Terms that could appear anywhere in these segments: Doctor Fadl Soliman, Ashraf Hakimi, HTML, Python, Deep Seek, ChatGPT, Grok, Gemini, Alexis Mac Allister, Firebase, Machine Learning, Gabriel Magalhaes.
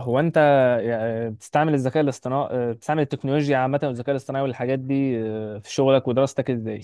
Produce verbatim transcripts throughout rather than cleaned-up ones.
هو انت يعني بتستعمل الذكاء الاصطناعي بتستعمل التكنولوجيا عامة والذكاء الاصطناعي والحاجات دي آه، في شغلك ودراستك ازاي؟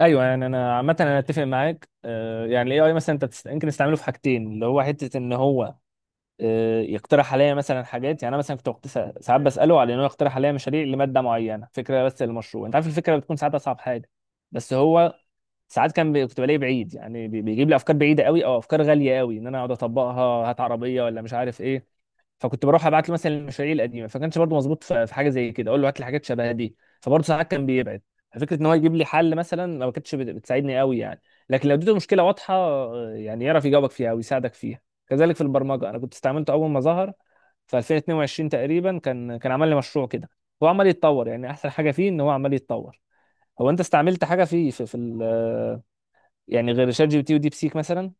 ايوه يعني انا عامة انا اتفق معاك، آه، يعني الاي اي مثلا انت تست- يمكن تستعمله في حاجتين اللي هو حتة ان هو آه، يقترح عليا مثلا حاجات. يعني انا مثلا كنت وقت- سا- ساعات بسأله على انه يقترح عليا مشاريع لمادة معينة، فكرة بس للمشروع. انت عارف الفكرة بتكون ساعات اصعب حاجة، بس هو ساعات كان بي- كنت بلاقيه بعيد، يعني بي- بيجيب لي افكار بعيدة قوي او افكار غالية قوي ان انا اقعد اطبقها، هات عربية ولا مش عارف ايه. فكنت بروح ابعت له مثلا المشاريع القديمه، فكانش برضه مظبوط في في حاجه زي كده، اقول له هات لي حاجات شبه دي، فبرضه ساعات كان بيبعد. ففكره ان هو يجيب لي حل مثلا لو ما كانتش بت- بتساعدني قوي يعني. لكن لو اديته مشكله واضحه، آه، يعني يعرف يجاوبك فيها او يساعدك فيها. كذلك في البرمجه انا كنت استعملته اول ما ظهر في ألفين واتنين وعشرين تقريبا، كان كان عمل لي مشروع كده. هو عمال يتطور، يعني احسن حاجه فيه ان هو عمال يتطور. هو انت استعملت حاجه فيه في, في ال- يعني غير شات جي بي تي وديب سيك مثلا؟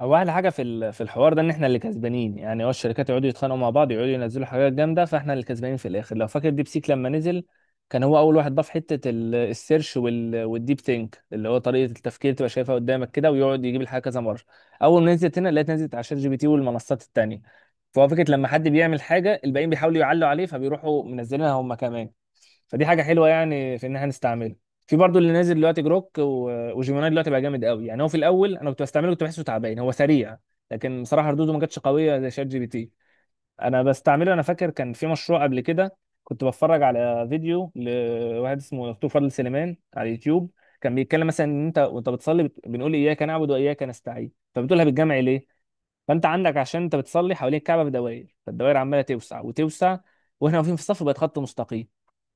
هو احلى حاجه في ال- في الحوار ده ان احنا اللي كسبانين، يعني هو الشركات يقعدوا يتخانقوا مع بعض، يقعدوا ينزلوا حاجات جامده، فاحنا اللي كسبانين في الاخر. لو فاكر ديب سيك لما نزل كان هو اول واحد ضاف حته ال- السيرش وال- والديب ثينك، اللي هو طريقه التفكير تبقى شايفها قدامك كده ويقعد يجيب الحاجه كذا مره. اول ما نزلت هنا لقيت نزلت على شات جي بي تي والمنصات التانيه. فهو فكره لما حد بيعمل حاجه الباقيين بيحاولوا يعلوا عليه، فبيروحوا منزلينها هم كمان. فدي حاجه حلوه يعني في ان احنا نستعمله. في برضو اللي نازل دلوقتي جروك و- وجيميناي دلوقتي بقى جامد قوي، يعني هو في الاول انا كنت بستعمله كنت بحسه تعبان، هو سريع لكن بصراحه ردوده ما كانتش قويه زي شات جي بي تي. انا بستعمله، انا فاكر كان في مشروع قبل كده كنت بتفرج على فيديو لواحد اسمه دكتور فضل سليمان على اليوتيوب. كان بيتكلم مثلا ان انت وانت بتصلي بت- بنقول اياك نعبد واياك نستعين، فبتقولها بالجمع ليه؟ فانت عندك عشان انت بتصلي حوالين الكعبه بدوائر، فالدوائر عماله توسع وتوسع، واحنا واقفين في الصف بقت خط مستقيم.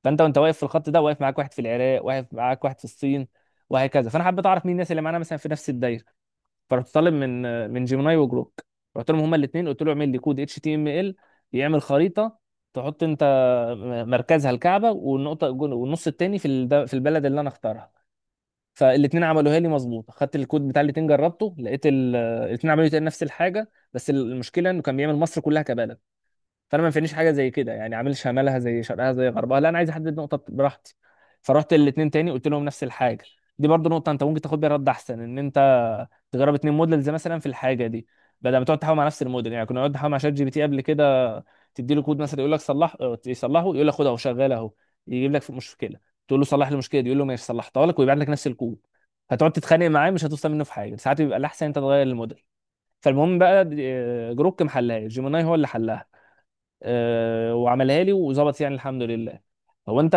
فانت وانت واقف في الخط ده واقف معاك واحد في العراق، واقف معاك واحد في الصين، وهكذا. فانا حبيت اعرف مين الناس اللي معانا مثلا في نفس الدايره. فرحت طالب من من جيميناي وجروك. رحت لهم هما الاثنين قلت له اعمل لي كود اتش تي ام ال يعمل خريطه، تحط انت مركزها الكعبه، والنقطه والنص التاني في الد- في البلد اللي انا اختارها. فالاثنين عملوها لي مظبوطه. خدت الكود بتاع الاثنين جربته، لقيت ال- الاثنين عملوا تقريباً نفس الحاجه، بس المشكله انه كان بيعمل مصر كلها كبلد. فانا ما ينفعنيش حاجه زي كده، يعني عامل شمالها زي شرقها زي غربها، لا انا عايز احدد نقطه براحتي. فرحت الاثنين تاني قلت لهم نفس الحاجه. دي برضو نقطه انت ممكن تاخد بيها رد احسن، ان انت تجرب اتنين موديلز مثلا في الحاجه دي بدل ما تقعد تحاول مع نفس الموديل. يعني كنا نقعد نحاول مع شات جي بي تي قبل كده، تدي له كود مثلا يقول لك صلح، اه يصلحه يقول لك خد اهو شغال اهو، يجيب لك في مشكله تقول له صلح لي المشكله دي، يقول له ماشي صلحتها لك ويبعت لك نفس الكود. هتقعد تتخانق معاه مش هتوصل منه في حاجه. ساعات بيبقى الاحسن انت تغير الموديل. فالمهم بقى، اه، جروك محلها، جيميناي هو اللي حلها، اه، وعملها لي وظبط يعني الحمد لله. هو انت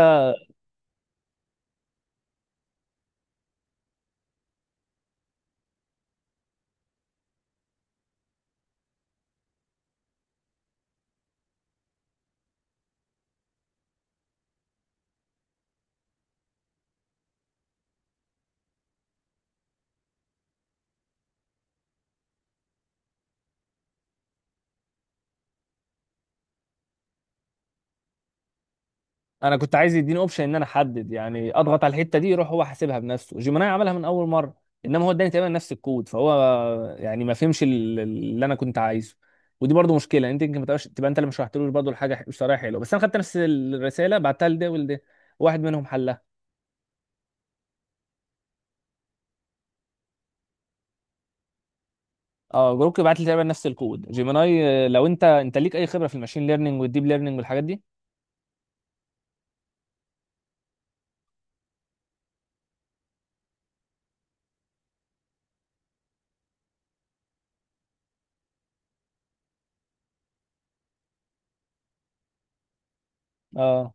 انا كنت عايز يديني اوبشن ان انا احدد، يعني اضغط على الحته دي يروح هو حاسبها بنفسه. جيميناي عملها من اول مره، انما هو اداني تقريبا نفس الكود، فهو يعني ما فهمش ال- اللي انا كنت عايزه. ودي برضو مشكله، انت يمكن ما تبقاش تبقى انت اللي مش شرحتلوش برضو الحاجه، مش شرحها حلو، بس انا خدت نفس الرساله بعتها لده ولده، واحد منهم حلها. اه، جروك بعت لي تقريبا نفس الكود، جيميناي، آه، لو انت انت ليك اي خبره في الماشين ليرنينج والديب ليرنينج والحاجات دي؟ اه،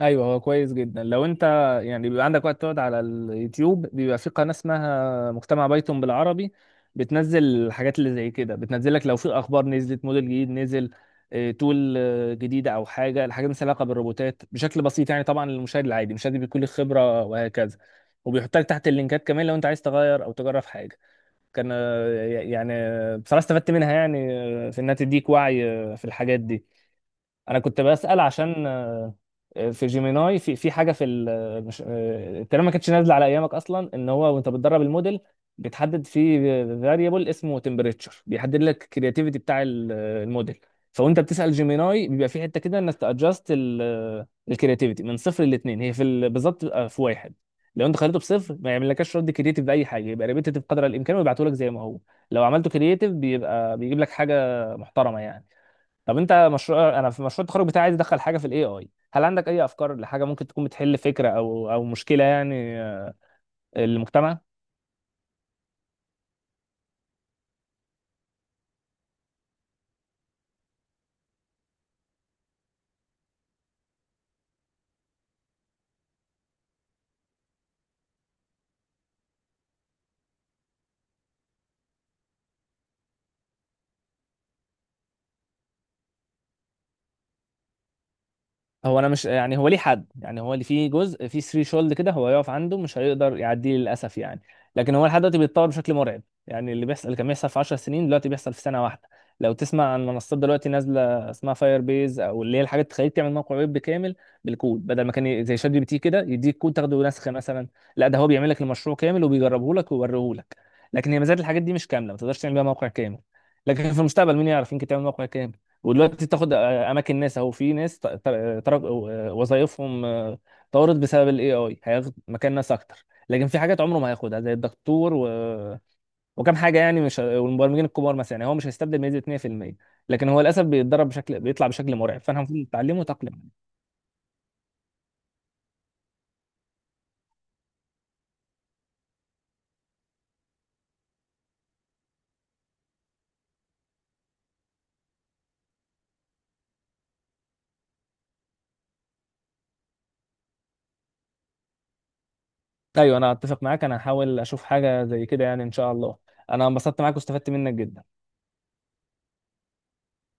ايوه هو كويس جدا لو انت يعني بيبقى عندك وقت تقعد على اليوتيوب، بيبقى في قناه اسمها مجتمع بايثون بالعربي، بتنزل الحاجات اللي زي كده، بتنزل لك لو في اخبار، نزلت موديل جديد، نزل آه، تول آه، جديده، او حاجه الحاجات مثلا علاقه بالروبوتات بشكل بسيط. يعني طبعا للمشاهد العادي مش لازم يكون له خبره وهكذا، وبيحط لك تحت اللينكات كمان لو انت عايز تغير او تجرب حاجه. كان، آه، يعني آه، بصراحه استفدت منها يعني، آه، في انها تديك وعي آه، في الحاجات دي. انا كنت بسأل عشان، آه، في جيميناي في في حاجه في ال- آه، مش آه، التقريبا ما كانتش نازله على ايامك اصلا، ان هو وانت بتدرب الموديل بتحدد في فاريبل اسمه تمبريتشر، بيحدد لك الكرياتيفيتي بتاع ال- آه، الموديل. فوانت بتسأل جيميناي بيبقى في حته كده انك تادجست الكرياتيفيتي من صفر لاتنين، هي في ال- بالظبط بتبقى في واحد. لو انت خليته بصفر ما يعملكش رد كرياتيف باي حاجه، يبقى ريبيتيف قدر الامكان ويبعته لك زي ما هو. لو عملته كرياتيف بيبقى بيجيب لك حاجه محترمه يعني. طب انت مشروع، انا في مشروع التخرج بتاعي عايز ادخل حاجه في الاي اي، هل عندك اي افكار لحاجه ممكن تكون بتحل فكره او او مشكله يعني، آه، المجتمع؟ هو انا مش يعني هو ليه حد، يعني هو اللي فيه جزء فيه ثري شولد كده هو يقف عنده مش هيقدر يعديه للاسف يعني. لكن هو لحد دلوقتي بيتطور بشكل مرعب، يعني اللي بيحصل، اللي كان بيحصل في 10 سنين دلوقتي بيحصل في سنه واحده. لو تسمع عن منصات دلوقتي نازله اسمها فاير بيز، او اللي هي الحاجات اللي تخليك تعمل موقع ويب كامل بالكود، بدل ما كان ي- زي شات جي بي تي كده يديك كود تاخده نسخه مثلا، لا ده هو بيعمل لك المشروع كامل وبيجربه لك ويوريه لك. لكن هي مزايا الحاجات دي مش كامله، ما تقدرش تعمل بيها موقع كامل. لكن في المستقبل مين يعرف، يمكن تعمل موقع كامل. ودلوقتي تاخد اماكن ناس اهو، في ناس ت- ت- ترك وظائفهم آه، طارت بسبب الاي اي. هياخد مكان ناس اكتر، لكن في حاجات عمره ما هياخدها زي الدكتور و... وكم حاجه، يعني مش، والمبرمجين الكبار مثلا، يعني هو مش هيستبدل بنسبه مية في المية. لكن هو للاسف بيتدرب بشكل، بيطلع بشكل مرعب، فاحنا المفروض نتعلمه وتقلم عليه. ايوه انا اتفق معاك، انا هحاول اشوف حاجه زي كده يعني ان شاء الله. انا انبسطت معاك واستفدت منك جدا.